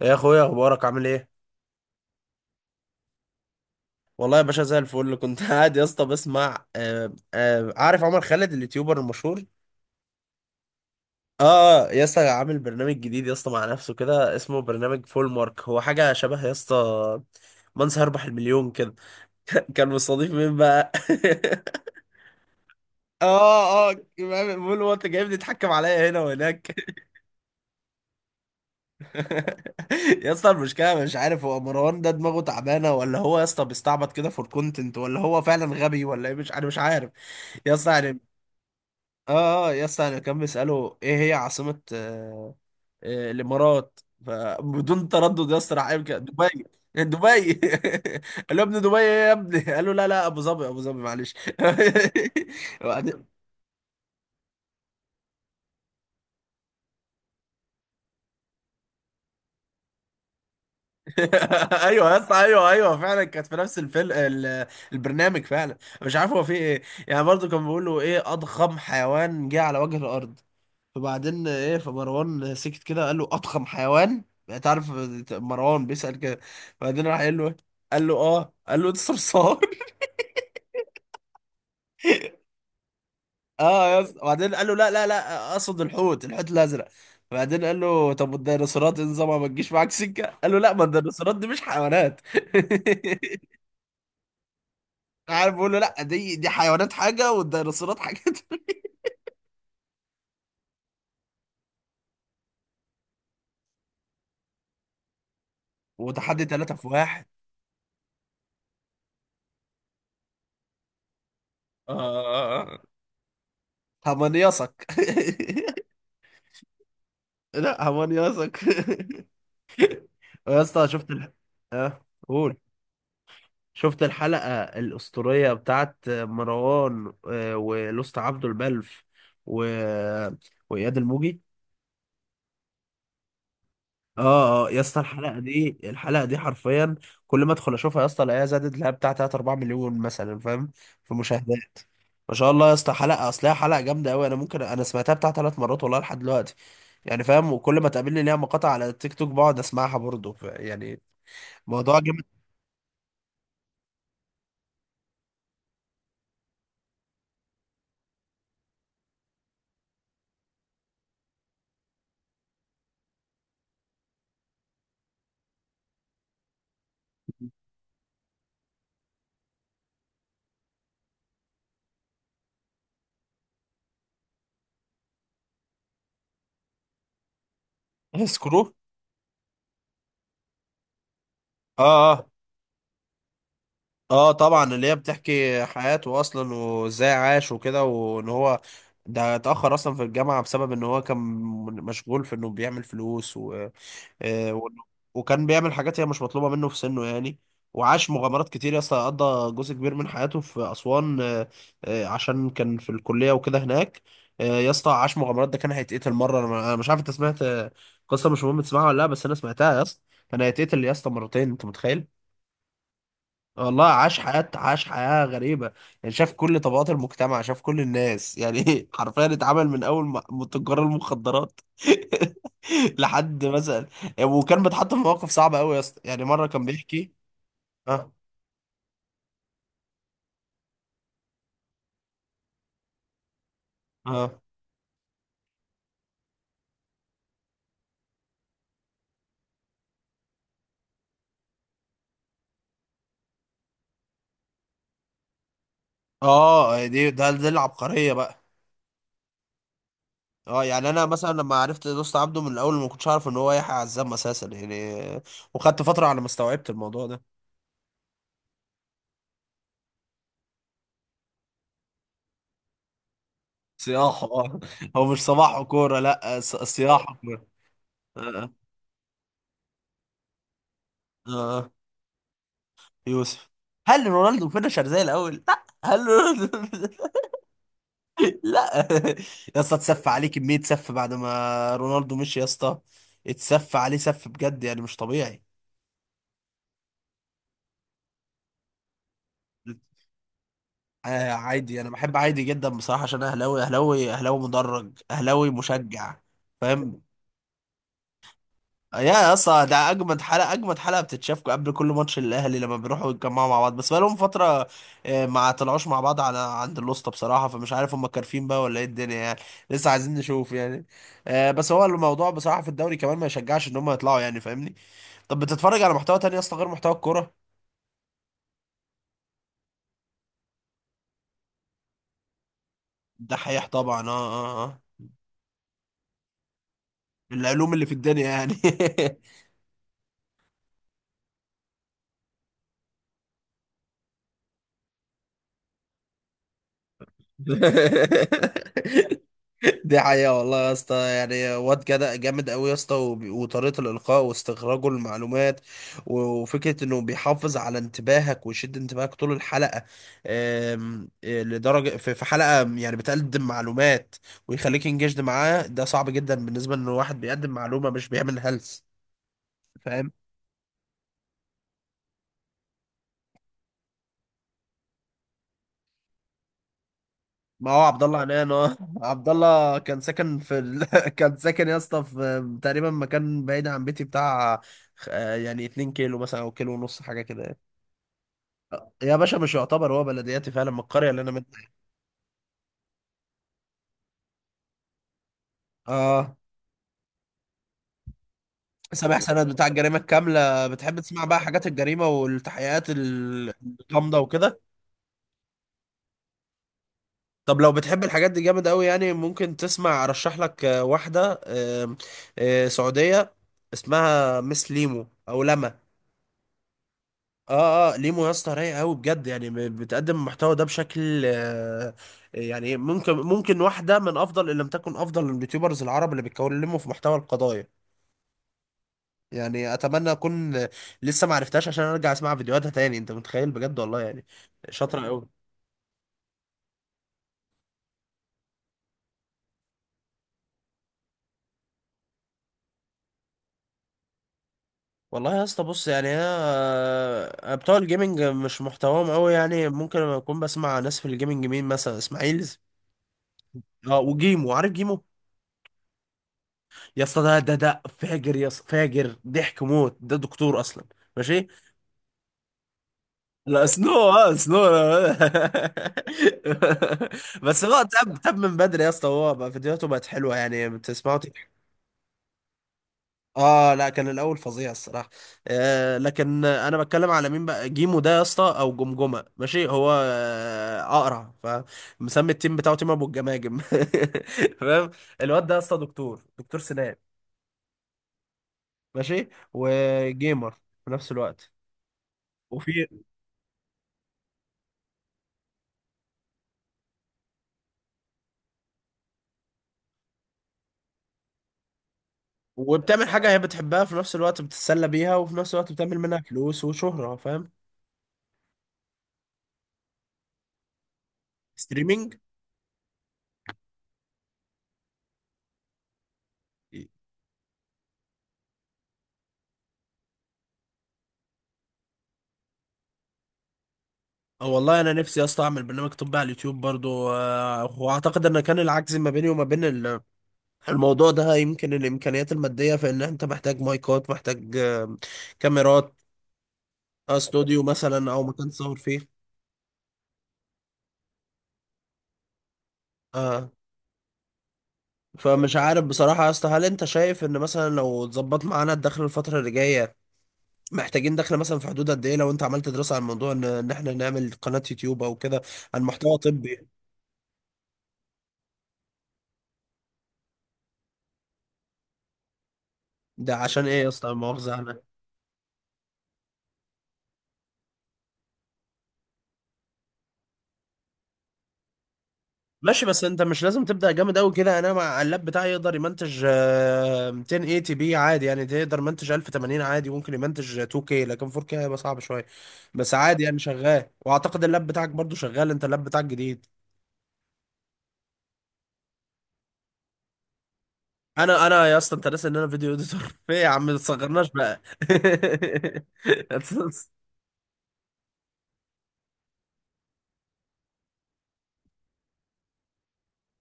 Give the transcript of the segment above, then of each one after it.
يا اخويا، اخبارك عامل ايه؟ والله يا باشا زي الفل. كنت قاعد يا اسطى بسمع. عارف عمر خالد اليوتيوبر المشهور؟ يا اسطى عامل برنامج جديد يا اسطى مع نفسه كده اسمه برنامج فول مارك. هو حاجه شبه يا اسطى من سيربح المليون كده. كان مستضيف مين بقى؟ اه اه بيقول هو: انت جايبني تتحكم عليا هنا وهناك. يا اسطى المشكله مش عارف هو مروان ده دماغه تعبانه، ولا هو يا اسطى بيستعبط كده فور كونتنت، ولا هو فعلا غبي، ولا ايه؟ مش عارف يا اسطى، يعني. اه يا اسطى انا كان بيساله: ايه هي عاصمه الامارات؟ فبدون تردد يا اسطى راح قايل كده: دبي. دبي! قال له: يا ابني دبي ايه يا ابني؟ قال له: لا لا، ابو ظبي ابو ظبي، معلش. وبعدين ايوه يا اسطى، ايوه ايوه فعلا. كانت في نفس الفيلم البرنامج. فعلا مش عارف هو في ايه. يعني برضه كان بيقول له: ايه اضخم حيوان جه على وجه الارض؟ فبعدين ايه، فمروان سكت كده. قال له: اضخم حيوان؟ انت عارف مروان بيسأل كده. بعدين راح قال له: إيه؟ قال له: اه. قال له: انت صرصار! اه يا اسطى، بعدين قال له: لا لا لا، اقصد الحوت، الحوت الازرق. بعدين قال له: طب والديناصورات إيه نظامها، ما تجيش معاك سكه؟ قال له: لا، ما الديناصورات دي مش حيوانات. عارف، بيقول له: لا، دي حيوانات حاجه، والديناصورات حاجه تانية. وتحدي ثلاثة في واحد. اه آه، آه. همنيصك. لا، همنيصك. يا اسطى شفت اه، قول. شفت الحلقة الأسطورية بتاعت مروان ولوست عبده البلف و... وإياد الموجي؟ اه يا اسطى الحلقة دي، الحلقة دي حرفيا كل ما ادخل اشوفها يا اسطى الاقيها زادت لها بتاع 3 4 مليون مثلا، فاهم؟ في مشاهدات. ما شاء الله يا اسطى، حلقة اصلها حلقة جامدة قوي. انا سمعتها بتاع ثلاث مرات والله لحد دلوقتي، يعني فاهم؟ وكل ما تقابلني ليها مقاطع على التيك توك بقعد اسمعها برضه، يعني موضوع جامد. سكرو. اه اه اه طبعا، اللي هي بتحكي حياته اصلا وازاي عاش وكده، وان هو ده اتأخر اصلا في الجامعة بسبب ان هو كان مشغول في انه بيعمل فلوس آه، و... وكان بيعمل حاجات هي مش مطلوبة منه في سنه يعني. وعاش مغامرات كتير يا اسطى. قضى جزء كبير من حياته في أسوان، عشان كان في الكلية وكده هناك. يا اسطى عاش مغامرات. ده كان هيتقتل مرة. انا مش عارف انت سمعت قصة مش مهم تسمعها ولا لا، بس انا سمعتها يا اسطى. كان هيتقتل يا اسطى مرتين، انت متخيل؟ والله، عاش حياة غريبة. يعني شاف كل طبقات المجتمع، شاف كل الناس يعني. حرفيا اتعامل من أول من تجار المخدرات لحد مثلا. وكان بيتحط في مواقف صعبة أوي يا اسطى. يعني مرة كان بيحكي. اه اه اه دي العبقرية بقى. اه يعني انا مثلا لما عرفت دوست عبده من الاول ما كنتش عارف ان هو يحيى عزام اساسا يعني، وخدت فتره على ما استوعبت الموضوع ده. صياحه، اه. هو مش صباح وكوره، لا، صياحه كوره. اه اه آه. يوسف. هل رونالدو فينشر زي الاول؟ لا، هل رونالدو لا يا اسطى، اتسف عليه كميه سف بعد ما رونالدو مشي يا اسطى. اتسف عليه سف بجد يعني، مش طبيعي. عادي، انا بحب عادي جدا بصراحه، عشان أنا اهلاوي، اهلاوي، اهلاوي مدرج، اهلاوي مشجع. فاهم؟ يا اسطى ده اجمد حلقه، اجمد حلقه بتتشاف قبل كل ماتش الاهلي لما بيروحوا يتجمعوا مع بعض. بس بقالهم فتره ما طلعوش مع بعض على عند الوسطى بصراحه، فمش عارف هم كارفين بقى ولا ايه الدنيا يعني. لسه عايزين نشوف يعني. بس هو الموضوع بصراحه في الدوري كمان ما يشجعش ان هم يطلعوا يعني، فاهمني؟ طب بتتفرج على محتوى تاني يا اسطى غير محتوى الكوره؟ ده حقيقة طبعا. اه العلوم اللي في الدنيا يعني. دي حقيقة والله يا اسطى. يعني واد جدع جامد قوي يا اسطى، وطريقة الإلقاء، واستخراجه المعلومات، وفكرة إنه بيحافظ على انتباهك ويشد انتباهك طول الحلقة. آم، آه، لدرجة في حلقة يعني بتقدم معلومات ويخليك انجشد معاه، ده صعب جدا بالنسبة إن واحد بيقدم معلومة مش بيعمل هلس. فاهم؟ ما هو عبد الله عنان، اه. عبد الله كان ساكن في كان ساكن يا اسطى في تقريبا مكان بعيد عن بيتي بتاع يعني 2 كيلو مثلا او كيلو ونص حاجة كده يعني. يا باشا مش يعتبر، هو بلدياتي فعلا من القرية اللي انا منها. اه، سامح سند بتاع الجريمة الكاملة؟ بتحب تسمع بقى حاجات الجريمة والتحقيقات الغامضة وكده؟ طب لو بتحب الحاجات دي جامد قوي، يعني ممكن تسمع، ارشح لك واحدة آم، آه، سعودية اسمها مس ليمو او لما. اه ليمو يا اسطى رايقة قوي بجد، يعني بتقدم المحتوى ده بشكل يعني ممكن، واحدة من افضل، ان لم تكن افضل، اليوتيوبرز العرب اللي بيتكلموا في محتوى القضايا يعني. اتمنى اكون لسه ما عرفتهاش عشان ارجع اسمع فيديوهاتها تاني، انت متخيل؟ بجد والله يعني شاطره قوي. والله يا اسطى بص، يعني انا بتوع الجيمنج مش محتواهم قوي يعني. ممكن اكون بسمع ناس في الجيمنج، مين مثلا؟ اسماعيل. اه، وجيمو، عارف جيمو؟ يا اسطى ده فاجر يا اسطى، فاجر ضحك موت. ده دكتور اصلا، ماشي؟ لا سنو، اه سنو. بس هو تاب، تاب من بدري يا اسطى، هو بقى فيديوهاته بقت حلوه يعني بتسمعه. اه لا، كان الاول فظيع الصراحه. آه، لكن انا بتكلم على مين بقى، جيمو ده يا اسطى او جمجمه، ماشي؟ هو آه اقرع، فمسمي التيم بتاعه تيم ابو الجماجم. فاهم؟ الواد ده يا اسطى دكتور، دكتور سنان، ماشي؟ وجيمر في نفس الوقت. وفي، وبتعمل حاجه هي بتحبها في نفس الوقت، بتتسلى بيها، وفي نفس الوقت بتعمل منها فلوس وشهره. فاهم؟ ستريمينج. اه والله انا نفسي يا اسطى اعمل برنامج طبي على اليوتيوب برضو. واعتقد ان كان العجز ما بيني وما بين الموضوع ده يمكن الامكانيات الماديه، في ان انت محتاج مايكات، محتاج كاميرات، استوديو مثلا، او مكان تصور فيه. اه، فمش عارف بصراحه يا اسطى، هل انت شايف ان مثلا لو اتظبط معانا الدخل الفتره اللي جايه محتاجين دخل مثلا في حدود قد ايه، لو انت عملت دراسه عن موضوع ان إن احنا نعمل قناه يوتيوب او كده عن محتوى طبي؟ ده عشان ايه يا اسطى، مؤاخذه؟ ماشي، بس انت مش لازم تبدا جامد قوي كده. انا مع اللاب بتاعي يقدر يمنتج 1080p عادي يعني. تقدر يمنتج 1080 عادي، ممكن يمنتج 2K، لكن 4K هيبقى صعب شويه، بس عادي يعني شغال. واعتقد اللاب بتاعك برضو شغال، انت اللاب بتاعك جديد. انا انا يا اسطى انت ناسي ان انا فيديو اديتور؟ في إيه يا عم، ما تصغرناش بقى.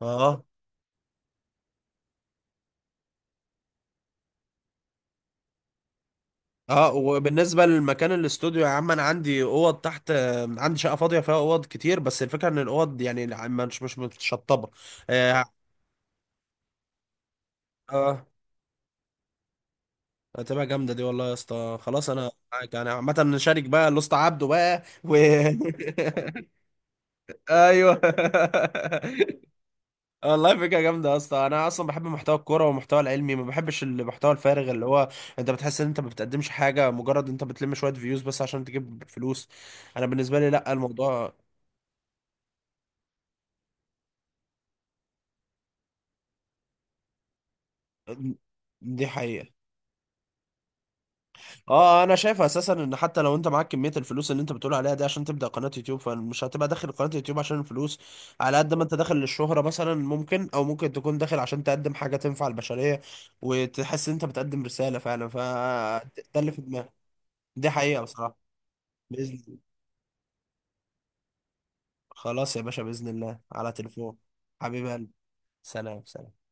اه اه وبالنسبه لمكان الاستوديو يا عم، انا عندي اوض تحت، عندي شقه فاضيه فيها اوض كتير، بس الفكره ان الاوض يعني مش متشطبه. آه، اه، هتبقى جامده دي والله يا اسطى. خلاص انا معاك يعني، عامه نشارك بقى الاسطى عبده بقى و ايوه. والله فكره جامده يا اسطى. انا اصلا بحب محتوى الكوره والمحتوى العلمي، ما بحبش المحتوى الفارغ اللي هو انت بتحس ان انت ما بتقدمش حاجه، مجرد انت بتلم شويه فيوز بس عشان تجيب فلوس. انا بالنسبه لي لا، الموضوع دي حقيقه. اه انا شايف اساسا ان حتى لو انت معاك كميه الفلوس اللي انت بتقول عليها دي عشان تبدا قناه يوتيوب، فمش هتبقى داخل قناه يوتيوب عشان الفلوس على قد ما انت داخل للشهره مثلا ممكن، او ممكن تكون داخل عشان تقدم حاجه تنفع البشريه، وتحس ان انت بتقدم رساله فعلا. ف ده اللي في دماغي. دي حقيقه بصراحه. باذن الله. خلاص يا باشا، باذن الله على تليفون. حبيبي قلبي. سلام سلام.